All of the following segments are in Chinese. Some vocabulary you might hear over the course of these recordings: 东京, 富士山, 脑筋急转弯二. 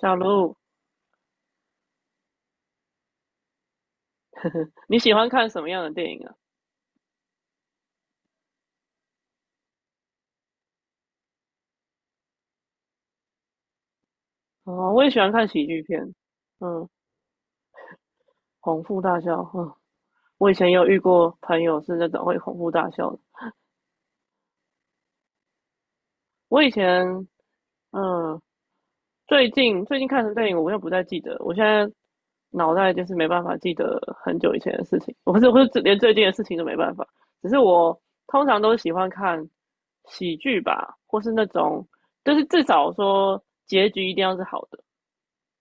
小卢，你喜欢看什么样的电影啊？哦，我也喜欢看喜剧片。嗯，哄腹大笑。嗯，我以前有遇过朋友是那种会哄腹大笑的。我以前，嗯，最近看什么电影，我又不太记得。我现在脑袋就是没办法记得很久以前的事情。我不是，我是连最近的事情都没办法。只是我通常都喜欢看喜剧吧，或是那种，就是至少说结局一定要是好的。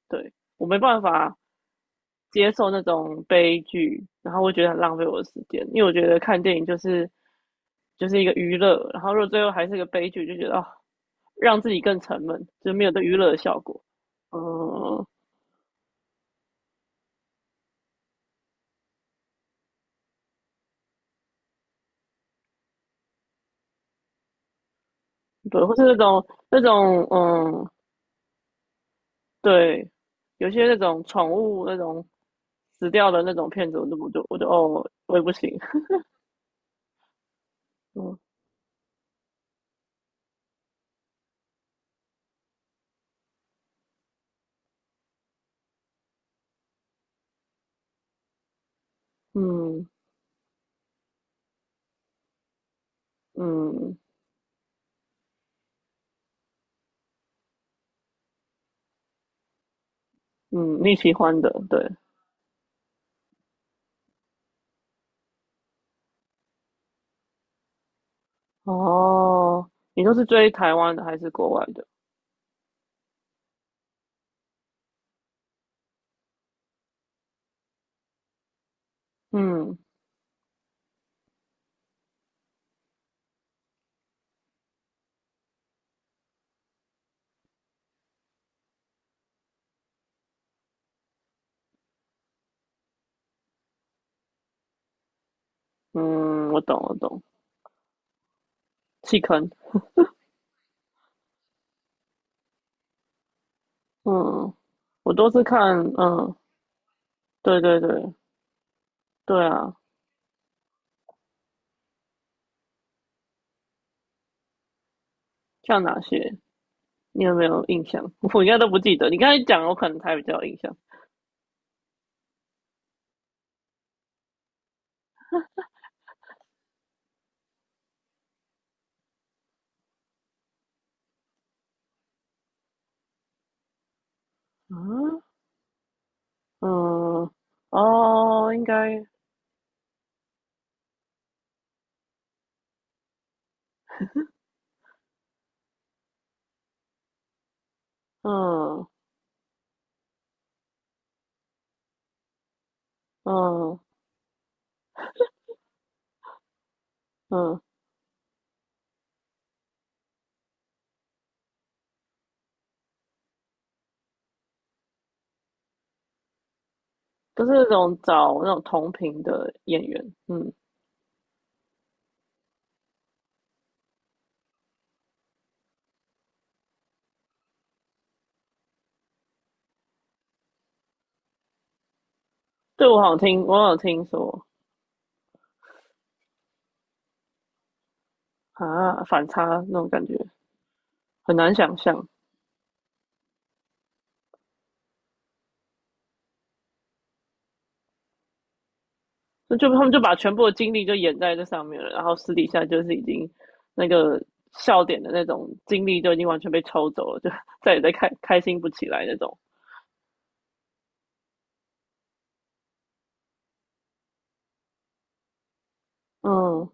对，我没办法接受那种悲剧，然后我觉得很浪费我的时间，因为我觉得看电影就是一个娱乐，然后如果最后还是个悲剧，就觉得哦，让自己更沉闷，就没有对娱乐的效果。嗯，对，或是那种那种嗯，对，有些那种宠物那种死掉的那种片子，我就哦，我也不行。嗯嗯嗯嗯，你喜欢的，对。哦，你都是追台湾的还是国外的？嗯嗯，我懂我懂，弃坑。嗯，我都是看，嗯，对对对对啊，像哪些？你有没有印象？我应该都不记得。你刚才讲，我可能才比较有印象。啊，嗯，哦，应该，嗯嗯嗯，都是那种找那种同频的演员。嗯，对，我好像听，我有听说啊，反差那种感觉很难想象。那就他们就把全部的精力就演在这上面了，然后私底下就是已经那个笑点的那种精力就已经完全被抽走了，就 再也在开心不起来那种。嗯，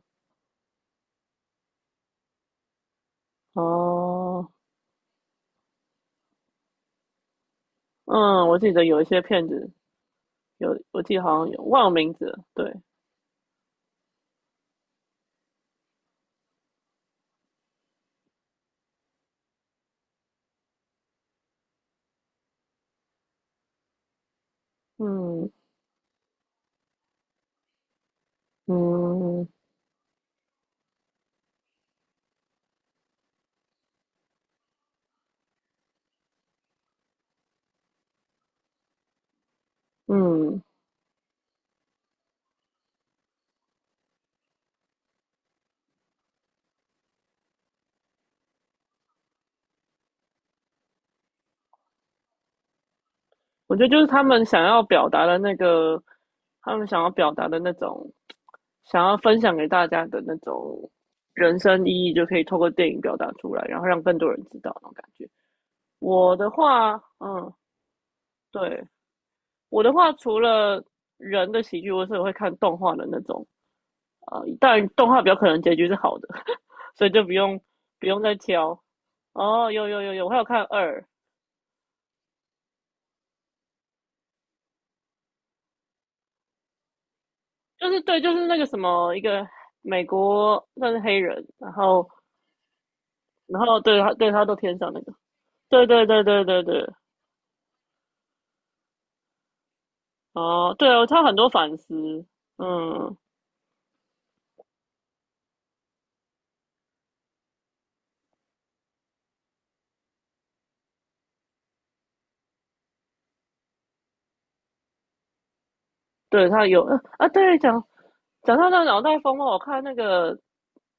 哦，嗯，我记得有一些片子有，我记得好像有忘了名字了对，嗯嗯嗯，我觉得就是他们想要表达的那个，他们想要表达的那种想要分享给大家的那种人生意义，就可以透过电影表达出来，然后让更多人知道那种感觉。我的话，嗯，对，我的话，除了人的喜剧，我是会看动画的那种，啊。但动画比较可能结局是好的。所以就不用再挑。哦，有有有有，我还有看二，就是对，就是那个什么一个美国算是黑人，然后对他都天上那个，对对对对对对，哦，对哦，他很多反思。嗯，对他有啊，对，讲到那个脑袋风暴，我看那个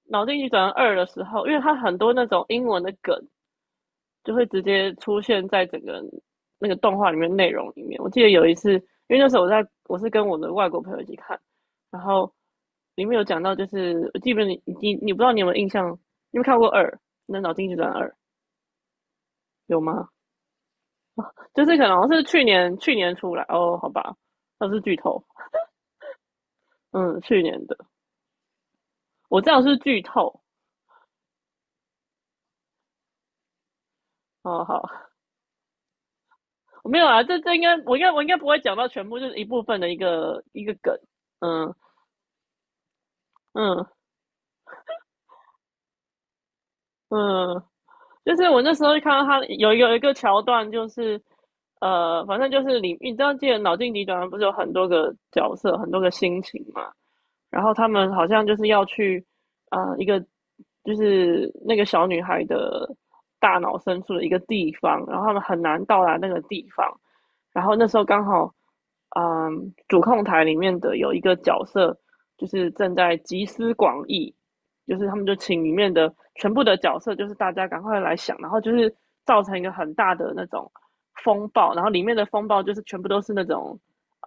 《脑筋急转弯二》的时候，因为他很多那种英文的梗，就会直接出现在整个那个动画里面内容里面。我记得有一次，因为那时候我在我是跟我的外国朋友一起看，然后里面有讲到，就是我记不你你你不知道你有没有印象，你有没有看过二？那《脑筋急转弯二》有吗？就是可能好像是去年出来哦，好吧，那是剧透。嗯，去年的，我这样是剧透。哦，好，我没有啊，这应该我应该不会讲到全部，就是一部分的一个一个梗。嗯嗯嗯，就是我那时候就看到他有一个桥段，就是反正就是知道记得脑筋急转弯不是有很多个角色，很多个心情嘛？然后他们好像就是要去一个就是那个小女孩的大脑深处的一个地方，然后他们很难到达那个地方。然后那时候刚好，嗯，主控台里面的有一个角色，就是正在集思广益，就是他们就请里面的全部的角色，就是大家赶快来想，然后就是造成一个很大的那种风暴，然后里面的风暴就是全部都是那种，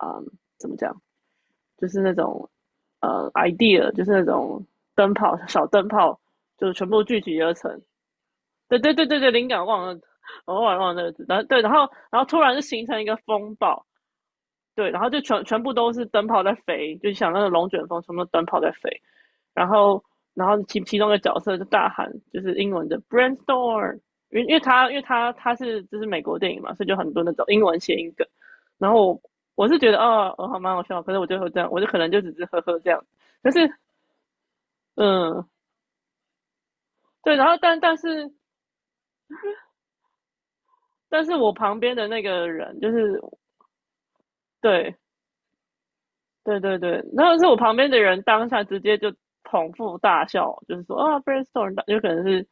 嗯，怎么讲，就是那种idea，就是那种灯泡小灯泡，就是全部聚集而成。对对对对对，灵感忘了，我忘了那个字，然后对，然后突然就形成一个风暴，对，然后就全部都是灯泡在飞，就想那个龙卷风，全部灯泡在飞。然后其中一个角色就大喊，就是英文的 brainstorm，因为他是就是美国电影嘛，所以就很多那种英文谐音梗。然后我是觉得哦，哦好蛮好笑，可是我就会这样，我就可能就只是呵呵这样。但是嗯，对，然后但是我旁边的那个人就是对对对对，然后是我旁边的人当下直接就捧腹大笑，就是说啊，brainstorm，有可能是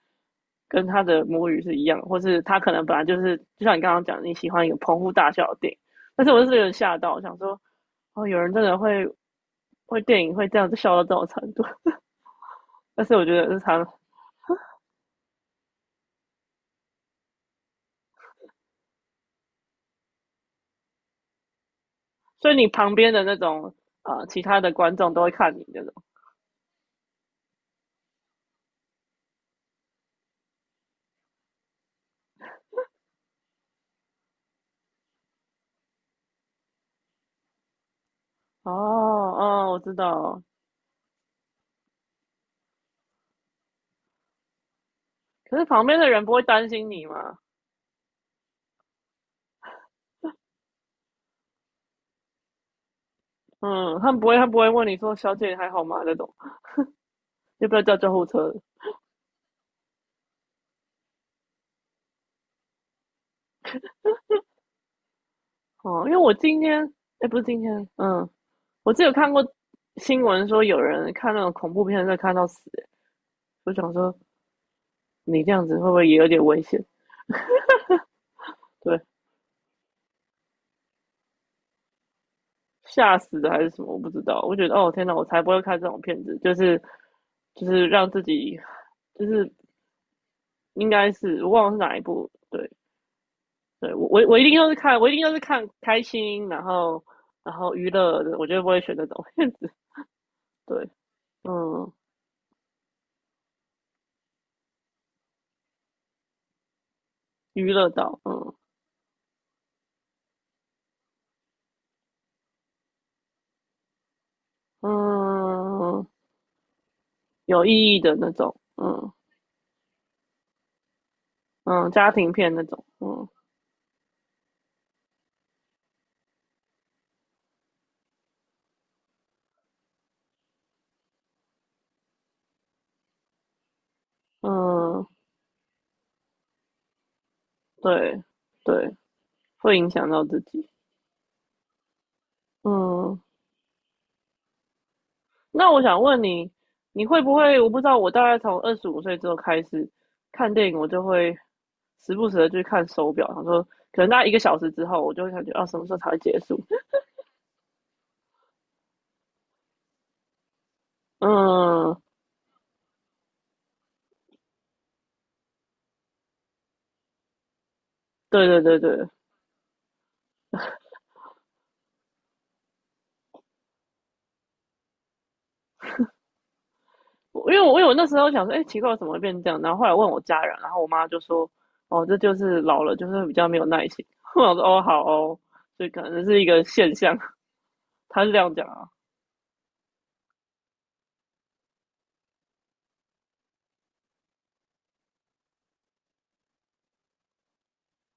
跟他的母语是一样，或是他可能本来就是，就像你刚刚讲，你喜欢一个捧腹大笑的电影，但是我就是有点吓到，想说，哦，有人真的会电影会这样子笑到这种程度，但是我觉得是常，所以你旁边的那种啊，其他的观众都会看你那种，哦，哦，我知道，可是旁边的人不会担心你吗？嗯，他们不会，他不会问你说"小姐你还好吗"那种，要不要叫救护车？哦，因为我今天，哎，不是今天，嗯，我只有看过新闻说有人看那种恐怖片在看到死，我想说你这样子会不会也有点危险？对，吓死的还是什么？我不知道。我觉得哦，天哪，我才不会看这种片子，就是让自己，就是应该是我忘了是哪一部，对，我一定都是看，我一定都是看开心，然后娱乐的，我绝对不会选那种片子。对，嗯，娱乐到，嗯嗯，有意义的那种，嗯嗯，家庭片那种，嗯嗯，对对，会影响到自己，嗯。那我想问你，你会不会？我不知道，我大概从25岁之后开始看电影，我就会时不时的去看手表，想说可能大概1个小时之后，我就会感觉啊，什么时候才会结束？嗯，对对对对，我因为我因为我有那时候想说，哎、欸奇怪，怎么会变这样？然后后来问我家人，然后我妈就说，哦，这就是老了，就是比较没有耐心。我想说，哦，好哦，所以可能是一个现象，他是这样讲啊。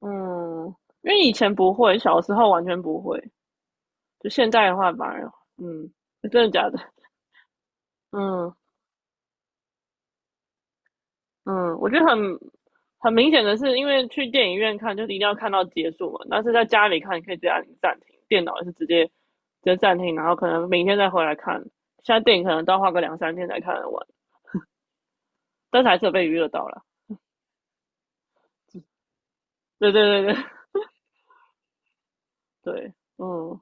嗯，因为以前不会，小时候完全不会，就现在的话反而，嗯，真的假的？嗯，嗯，我觉得很明显的是，因为去电影院看就是一定要看到结束嘛，但是在家里看，你可以直接按暂停，电脑也是直接暂停，然后可能明天再回来看。现在电影可能都要花个两三天才看得完，但是还是有被娱乐到了。对对对对对，嗯。